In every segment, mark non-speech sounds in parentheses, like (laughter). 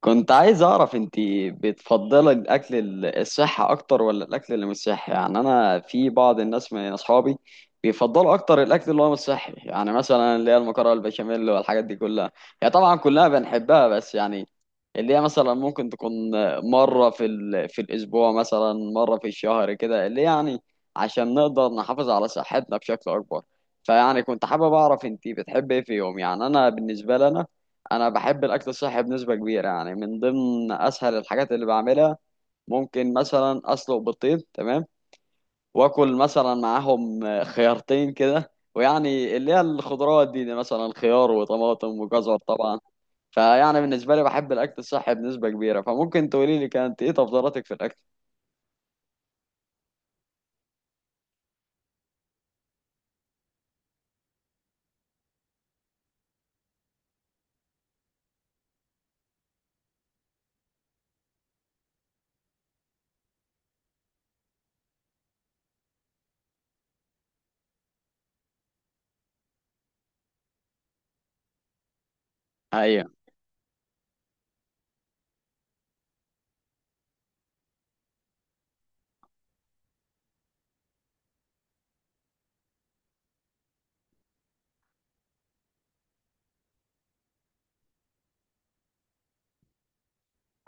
كنت عايز اعرف انتي بتفضلي الاكل الصحي اكتر ولا الاكل اللي مش صحي؟ يعني انا في بعض الناس من اصحابي بيفضلوا اكتر الاكل اللي هو مش صحي، يعني مثلا اللي هي المكرونه البشاميل والحاجات دي كلها. هي طبعا كلها بنحبها بس يعني اللي هي مثلا ممكن تكون مره في الاسبوع، مثلا مره في الشهر كده اللي يعني عشان نقدر نحافظ على صحتنا بشكل اكبر. فيعني كنت حابب اعرف انتي بتحبي ايه في يوم؟ يعني انا بالنسبه لنا، انا بحب الاكل الصحي بنسبه كبيره. يعني من ضمن اسهل الحاجات اللي بعملها ممكن مثلا اسلق بيضتين، تمام، واكل مثلا معاهم خيارتين كده، ويعني اللي هي الخضروات دي مثلا خيار وطماطم وجزر طبعا. فيعني بالنسبه لي بحب الاكل الصحي بنسبه كبيره، فممكن تقولي لي كانت ايه تفضيلاتك في الاكل؟ ايوه.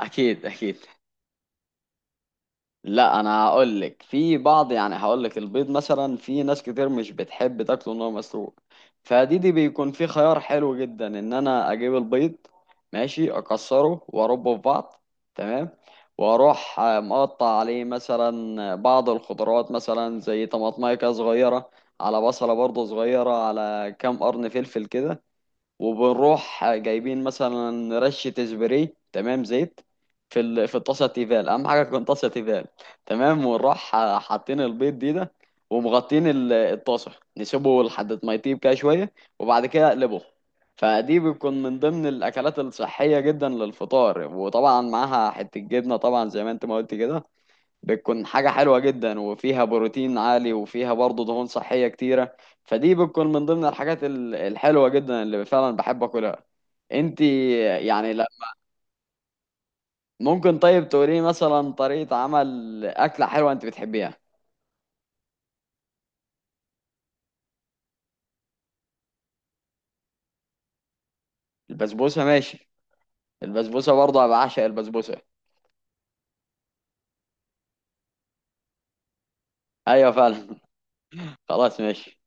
اكيد اكيد. لا، انا هقول لك في بعض، يعني هقول لك البيض مثلا في ناس كتير مش بتحب تاكله ان هو مسلوق. فدي بيكون في خيار حلو جدا، ان انا اجيب البيض ماشي، اكسره واربه في بعض، تمام، واروح مقطع عليه مثلا بعض الخضروات مثلا زي طماطمايه كده صغيره، على بصله برضه صغيره، على كام قرن فلفل كده، وبنروح جايبين مثلا رشة سبراي، تمام، زيت في الطاسة تيفال. أهم حاجة تكون طاسة تيفال، تمام، ونروح حاطين البيض دي ده، ومغطين الطاسة، نسيبه لحد ما يطيب كده شوية، وبعد كده اقلبه. فدي بتكون من ضمن الأكلات الصحية جدا للفطار، وطبعا معاها حتة جبنة طبعا زي ما أنت ما قلت كده، بتكون حاجة حلوة جدا وفيها بروتين عالي، وفيها برضه دهون صحية كتيرة. فدي بتكون من ضمن الحاجات الحلوة جدا اللي فعلا بحب أكلها. انت يعني، لا، ممكن طيب تقولي مثلا طريقة عمل أكلة حلوة انت بتحبيها؟ البسبوسة، ماشي. البسبوسة برضه أنا بعشق البسبوسة. أيوة فعلا. (laughs) خلاص ماشي.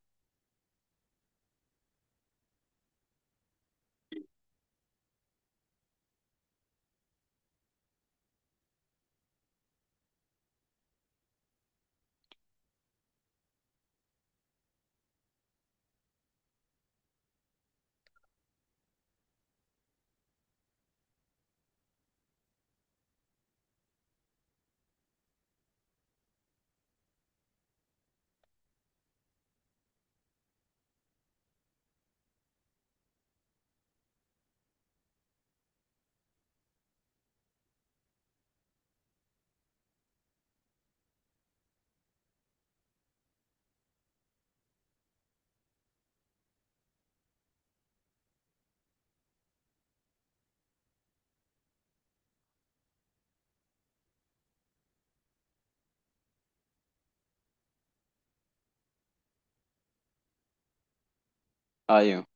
أيوة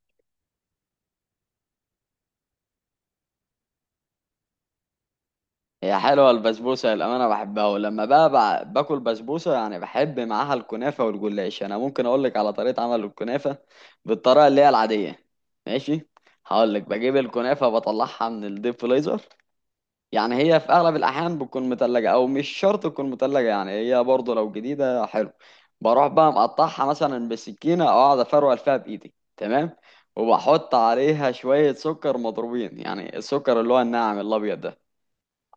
هي حلوة البسبوسة، للأمانة بحبها. ولما بقى باكل بسبوسة يعني بحب معاها الكنافة والجلاش. أنا ممكن أقولك على طريقة عمل الكنافة بالطريقة اللي هي العادية، ماشي؟ هقولك بجيب الكنافة، بطلعها من الديب فريزر، يعني هي في أغلب الأحيان بتكون متلجة أو مش شرط تكون متلجة، يعني هي برضه لو جديدة حلو. بروح بقى مقطعها مثلا بسكينة، أو أقعد أفرول فيها بإيدي، تمام، وبحط عليها شوية سكر مضروبين، يعني السكر اللي هو الناعم الأبيض ده،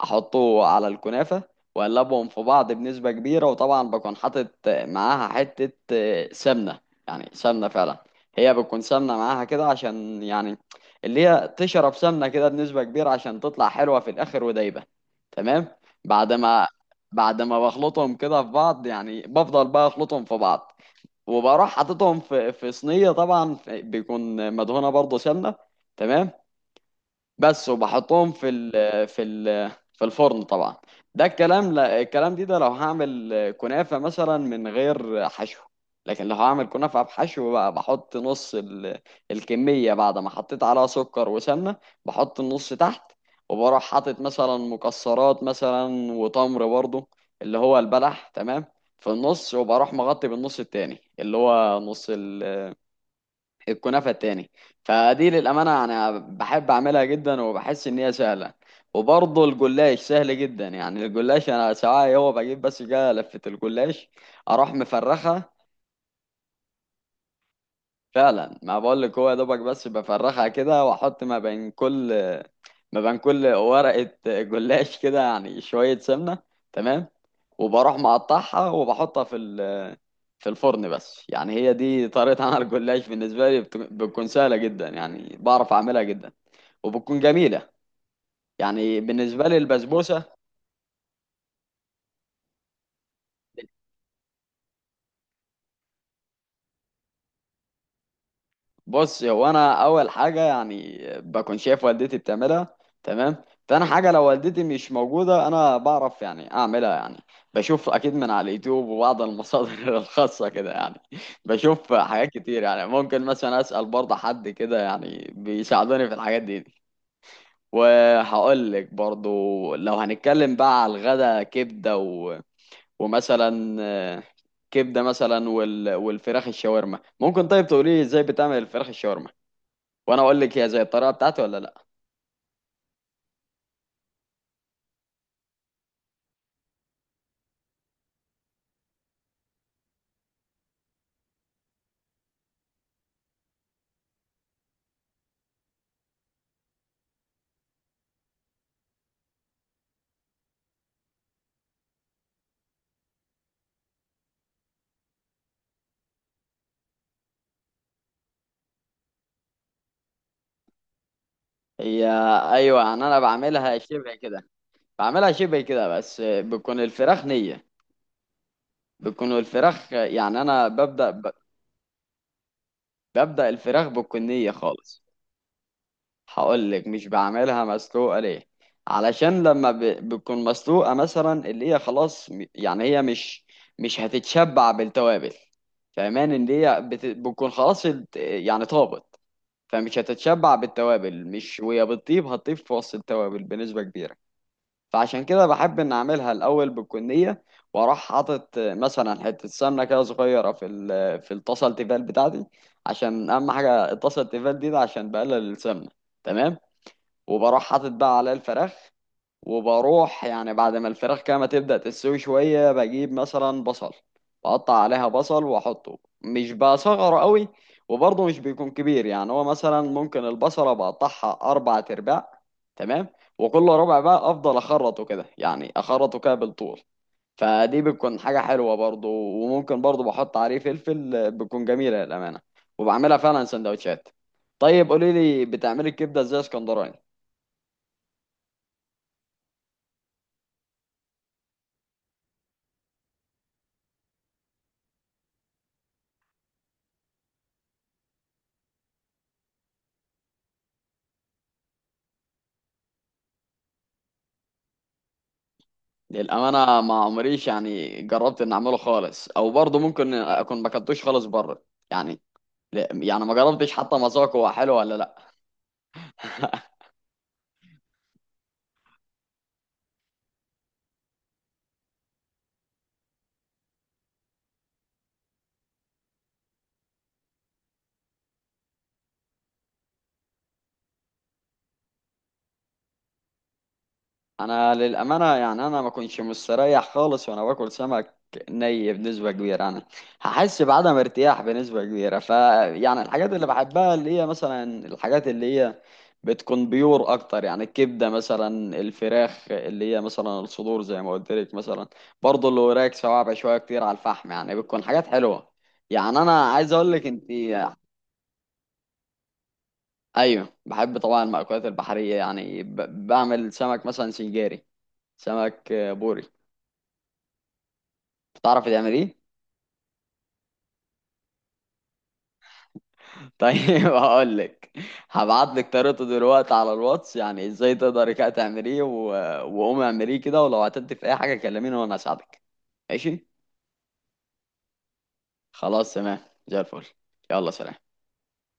احطه على الكنافه واقلبهم في بعض بنسبه كبيره. وطبعا بكون حاطط معاها حته سمنه، يعني سمنه فعلا. هي بتكون سمنه معاها كده عشان يعني اللي هي تشرب سمنه كده بنسبه كبيره عشان تطلع حلوه في الاخر ودايبه، تمام. بعد ما بعد ما بخلطهم كده في بعض يعني بفضل بقى اخلطهم في بعض، وبروح حاططهم في صينيه طبعا بيكون مدهونه برضه سمنه، تمام. بس وبحطهم في الفرن طبعا. ده الكلام، لا، الكلام دي ده لو هعمل كنافة مثلا من غير حشو. لكن لو هعمل كنافة بحشو بقى بحط نص الكمية بعد ما حطيت عليها سكر وسمنة، بحط النص تحت وبروح حاطط مثلا مكسرات مثلا وتمر برضو اللي هو البلح، تمام، في النص، وبروح مغطي بالنص التاني اللي هو نص الكنافة التاني. فدي للأمانة أنا بحب أعملها جدا، وبحس إن هي سهلة. وبرضه الجلاش سهل جدا، يعني الجلاش أنا ساعات هو بجيب بس كده لفة الجلاش، أروح مفرخها. فعلا ما بقول لك، هو يا دوبك بس بفرخها كده، واحط ما بين كل ورقة جلاش كده يعني شوية سمنة، تمام، وبروح مقطعها وبحطها في الفرن بس. يعني هي دي طريقة عمل الجلاش بالنسبة لي، بتكون سهلة جدا يعني بعرف أعملها جدا، وبتكون جميلة. يعني بالنسبة لي البسبوسة. بص هو انا اول حاجة يعني بكون شايف والدتي بتعملها، تمام. تاني حاجة لو والدتي مش موجودة، انا بعرف يعني اعملها، يعني بشوف اكيد من على اليوتيوب وبعض المصادر (laughs) الخاصة كده يعني. بشوف حاجات كتير، يعني ممكن مثلا اسأل برضه حد كده يعني بيساعدوني في الحاجات دي. وهقول لك برضه لو هنتكلم بقى على الغدا كبدة، ومثلا كبده مثلا والفراخ الشاورما. ممكن طيب تقولي لي ازاي بتعمل الفراخ الشاورما، وانا اقول لك هي زي الطريقه بتاعتي ولا لا؟ هي ايوه، يعني انا بعملها شبه كده. بعملها شبه كده بس بتكون الفراخ نيه. بتكون الفراخ يعني انا ببدا الفراخ بتكون نيه خالص. هقول لك مش بعملها مسلوقه ليه، علشان لما بتكون مسلوقه مثلا اللي هي خلاص يعني هي مش هتتشبع بالتوابل، فاهمان ان هي بتكون خلاص يعني طابت. فمش هتتشبع بالتوابل، مش وهي بتطيب هتطيب في وسط التوابل بنسبه كبيره. فعشان كده بحب ان اعملها الاول بالكنيه، واروح حاطط مثلا حته سمنه كده صغيره في الطاسه التيفال بتاعتي، عشان اهم حاجه الطاسه التيفال دي ده عشان بقلل السمنه، تمام. وبروح حاطط بقى عليه الفراخ، وبروح يعني بعد ما الفراخ كده تبدأ تستوي شوية بجيب مثلا بصل، بقطع عليها بصل واحطه مش بصغره قوي، وبرضه مش بيكون كبير، يعني هو مثلا ممكن البصلة بقطعها أربع أرباع، تمام، وكل ربع بقى أفضل أخرطه كده، يعني أخرطه كده بالطول. فدي بتكون حاجة حلوة برضه، وممكن برضه بحط عليه فلفل، بتكون جميلة للأمانة، وبعملها فعلا سندوتشات. طيب قولي لي بتعملي الكبدة ازاي اسكندراني؟ للأمانة ما عمريش يعني جربت إن أعمله خالص، أو برضه ممكن أكون ما كنتوش خالص بره يعني. يعني ما جربتش حتى ما أذوق هو حلو ولا لأ. (laughs) انا للامانه يعني انا ما كنتش مستريح خالص وانا باكل سمك ني بنسبه كبيره، انا هحس بعدم ارتياح بنسبه كبيره يعني الحاجات اللي بحبها اللي هي مثلا الحاجات اللي هي بتكون بيور اكتر، يعني الكبده مثلا، الفراخ اللي هي مثلا الصدور زي ما قلت لك مثلا، برضه اللي وراك صوابع شويه كتير على الفحم، يعني بتكون حاجات حلوه. يعني انا عايز اقول لك انت. ايوه بحب طبعا المأكولات البحريه، يعني بعمل سمك مثلا سنجاري، سمك بوري. تعرف تعمل ايه؟ (laughs) طيب هقول لك، هبعت لك طريقته دلوقتي على الواتس يعني ازاي تقدري كده تعمليه، وقومي اعمليه كده، ولو عطلت في اي حاجه كلميني وانا اساعدك، ماشي؟ خلاص تمام. زي الفل. يلا سلام.